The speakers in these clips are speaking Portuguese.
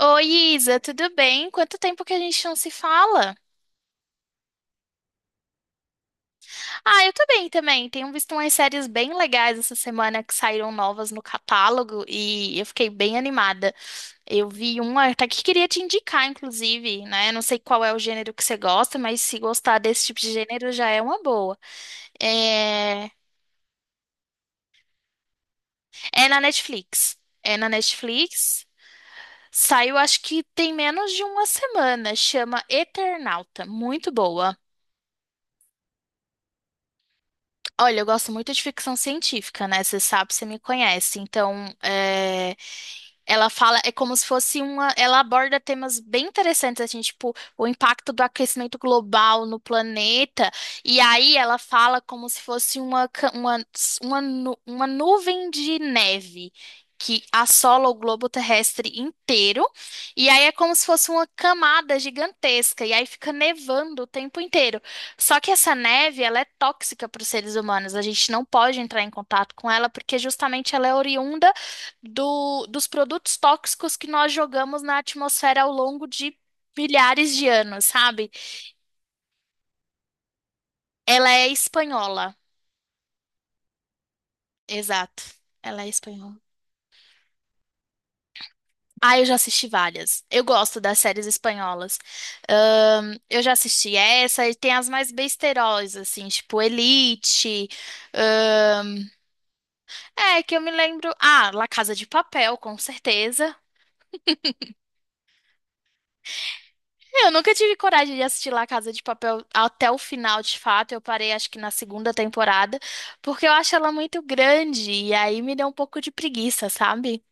Oi, Isa, tudo bem? Quanto tempo que a gente não se fala? Ah, eu tô bem também. Tenho visto umas séries bem legais essa semana que saíram novas no catálogo e eu fiquei bem animada. Eu vi uma até que queria te indicar, inclusive, né? Não sei qual é o gênero que você gosta, mas se gostar desse tipo de gênero já é uma boa. É, é na Netflix. É na Netflix. Saiu, acho que tem menos de uma semana. Chama Eternauta. Muito boa. Olha, eu gosto muito de ficção científica, né? Você sabe, você me conhece. Então, ela fala, é como se fosse uma. Ela aborda temas bem interessantes, assim, tipo, o impacto do aquecimento global no planeta. E aí ela fala como se fosse uma, ca- uma, nu- uma nuvem de neve que assola o globo terrestre inteiro. E aí é como se fosse uma camada gigantesca. E aí fica nevando o tempo inteiro. Só que essa neve, ela é tóxica para os seres humanos. A gente não pode entrar em contato com ela porque justamente ela é oriunda dos produtos tóxicos que nós jogamos na atmosfera ao longo de milhares de anos, sabe? Ela é espanhola. Exato. Ela é espanhola. Ah, eu já assisti várias. Eu gosto das séries espanholas. Eu já assisti essa e tem as mais besteiros, assim, tipo Elite. ahn, que eu me lembro. Ah, La Casa de Papel, com certeza. É. Eu nunca tive coragem de assistir La Casa de Papel até o final, de fato. Eu parei, acho que na segunda temporada, porque eu acho ela muito grande e aí me deu um pouco de preguiça, sabe?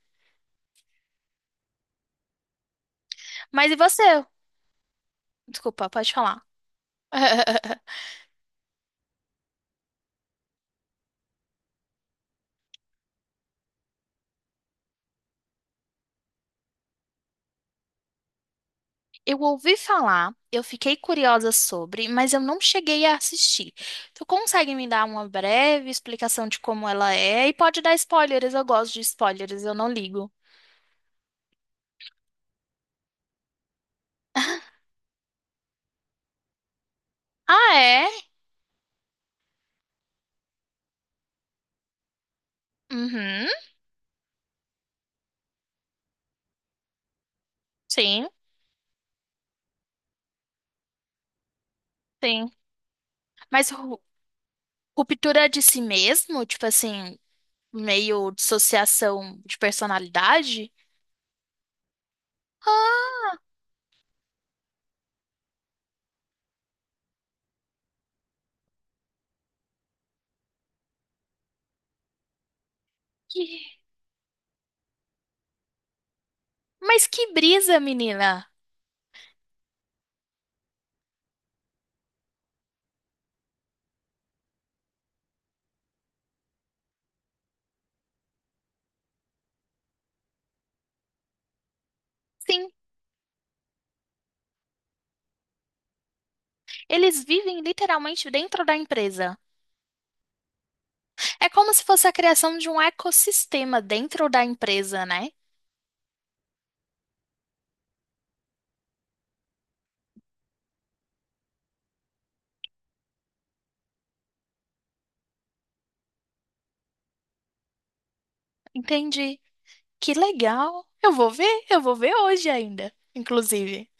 Mas e você? Desculpa, pode falar. Eu ouvi falar, eu fiquei curiosa sobre, mas eu não cheguei a assistir. Tu consegue me dar uma breve explicação de como ela é? E pode dar spoilers, eu gosto de spoilers, eu não ligo. Ah, é? Uhum, sim, sim. Mas Ruptura de si mesmo, tipo assim, meio dissociação de personalidade? Ah, que- mas que brisa, menina! Sim, eles vivem literalmente dentro da empresa. É como se fosse a criação de um ecossistema dentro da empresa, né? Entendi. Que legal. Eu vou ver hoje ainda, inclusive.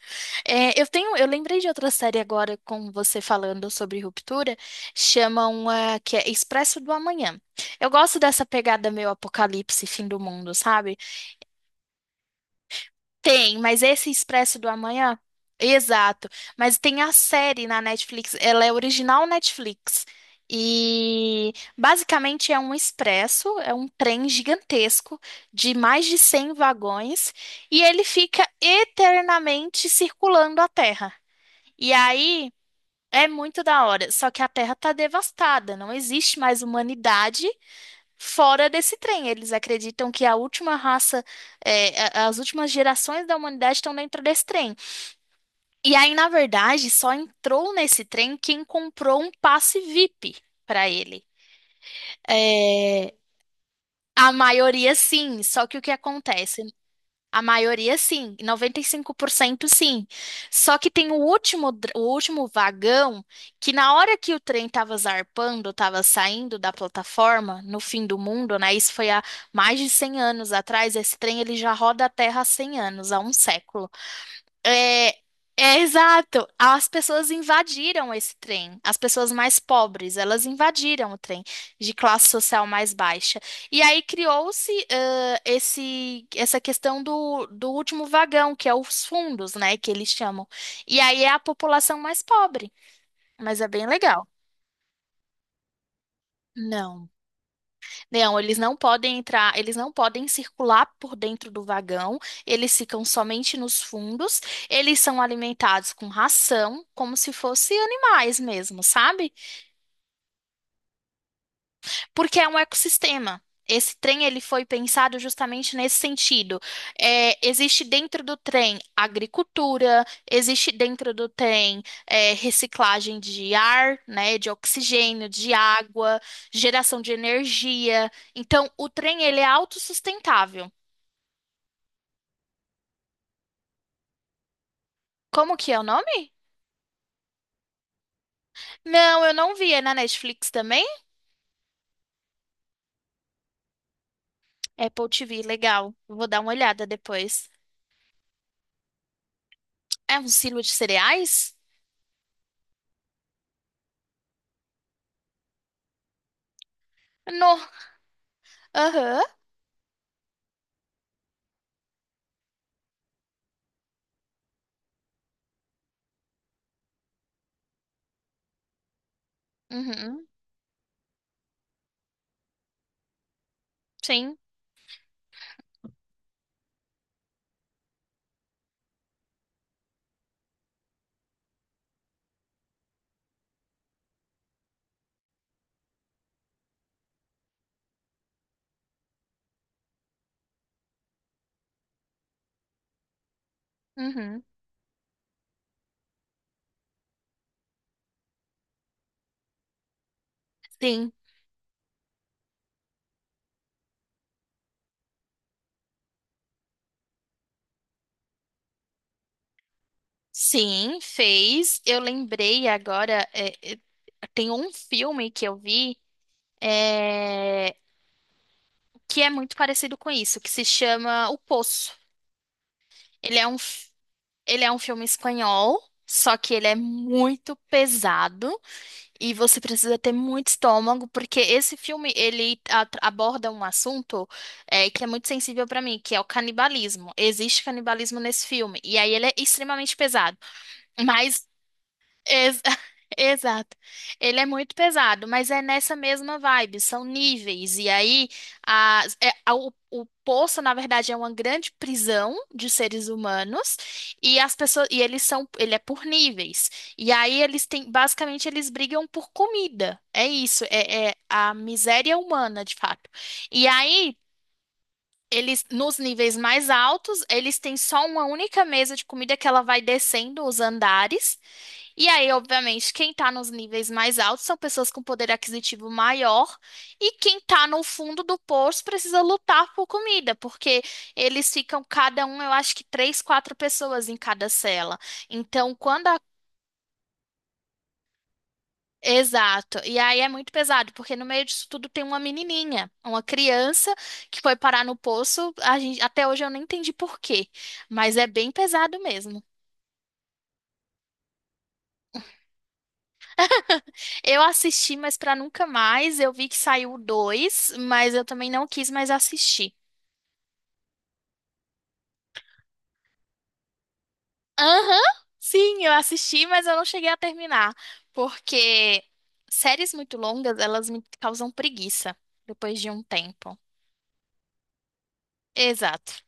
É, eu lembrei de outra série agora com você falando sobre ruptura, chama uma que é Expresso do Amanhã. Eu gosto dessa pegada meio apocalipse, fim do mundo, sabe? Tem, mas esse Expresso do Amanhã, exato. Mas tem a série na Netflix, ela é original Netflix. E basicamente é um expresso, é um trem gigantesco de mais de 100 vagões e ele fica eternamente circulando a Terra. E aí é muito da hora, só que a Terra tá devastada, não existe mais humanidade fora desse trem. Eles acreditam que a última raça, as últimas gerações da humanidade estão dentro desse trem. E aí, na verdade, só entrou nesse trem quem comprou um passe VIP para ele. É, a maioria sim, só que o que acontece? A maioria sim, 95% sim. Só que tem o último vagão que na hora que o trem estava zarpando, estava saindo da plataforma, no fim do mundo, né? Isso foi há mais de 100 anos atrás. Esse trem ele já roda a Terra há 100 anos, há um século. É, é exato. As pessoas invadiram esse trem. As pessoas mais pobres, elas invadiram o trem de classe social mais baixa. E aí criou-se esse essa questão do último vagão, que é os fundos, né, que eles chamam. E aí é a população mais pobre. Mas é bem legal. Não. Não, eles não podem entrar, eles não podem circular por dentro do vagão, eles ficam somente nos fundos, eles são alimentados com ração, como se fossem animais mesmo, sabe? Porque é um ecossistema. Esse trem ele foi pensado justamente nesse sentido. É, existe dentro do trem agricultura, existe dentro do trem reciclagem de ar, né, de oxigênio, de água, geração de energia. Então, o trem ele é autossustentável. Como que é o nome? Não, eu não vi. É na Netflix também? Apple TV, legal. Vou dar uma olhada depois. É um silo de cereais? No. Aham. Uhum. Sim. Uhum. Sim, sim, fez. Eu lembrei agora, tem um filme que eu vi é, que é muito parecido com isso, que se chama O Poço. Ele é um, f- ele é um filme espanhol, só que ele é muito pesado e você precisa ter muito estômago, porque esse filme ele aborda um assunto que é muito sensível para mim, que é o canibalismo. Existe canibalismo nesse filme, e aí ele é extremamente pesado. mas Ex- Exato. Ele é muito pesado, mas é nessa mesma vibe, são níveis. E aí, o poço, na verdade, é uma grande prisão de seres humanos, e as pessoas, e eles são, ele é por níveis. E aí eles têm, basicamente, eles brigam por comida. É isso, é a miséria humana, de fato. E aí. Eles, nos níveis mais altos, eles têm só uma única mesa de comida que ela vai descendo os andares. E aí, obviamente, quem está nos níveis mais altos são pessoas com poder aquisitivo maior, e quem está no fundo do poço precisa lutar por comida, porque eles ficam cada um, eu acho que três, quatro pessoas em cada cela. Então, quando a. Exato. E aí é muito pesado, porque no meio disso tudo tem uma menininha, uma criança que foi parar no poço. A gente. Até hoje eu não entendi por quê, mas é bem pesado mesmo. Eu assisti, mas pra nunca mais. Eu vi que saiu o dois, mas eu também não quis mais assistir. Aham, sim, eu assisti, mas eu não cheguei a terminar. Porque séries muito longas, elas me causam preguiça depois de um tempo. Exato.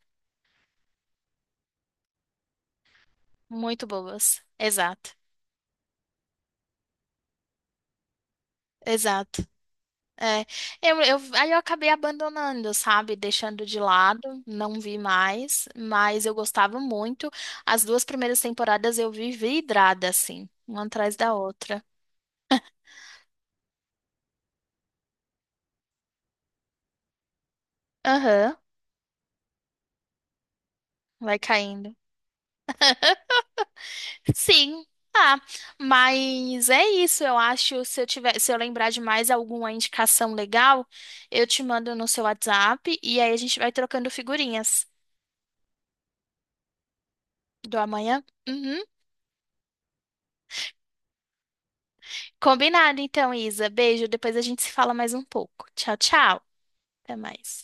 Muito boas. Exato. Exato. É, aí eu acabei abandonando, sabe? Deixando de lado, não vi mais, mas eu gostava muito. As duas primeiras temporadas eu vi vidrada, assim, uma atrás da outra. Aham, vai caindo. Sim. Ah, mas é isso, eu acho. Se eu lembrar de mais alguma indicação legal, eu te mando no seu WhatsApp e aí a gente vai trocando figurinhas do amanhã. Uhum. Combinado, então, Isa. Beijo. Depois a gente se fala mais um pouco. Tchau, tchau. Até mais.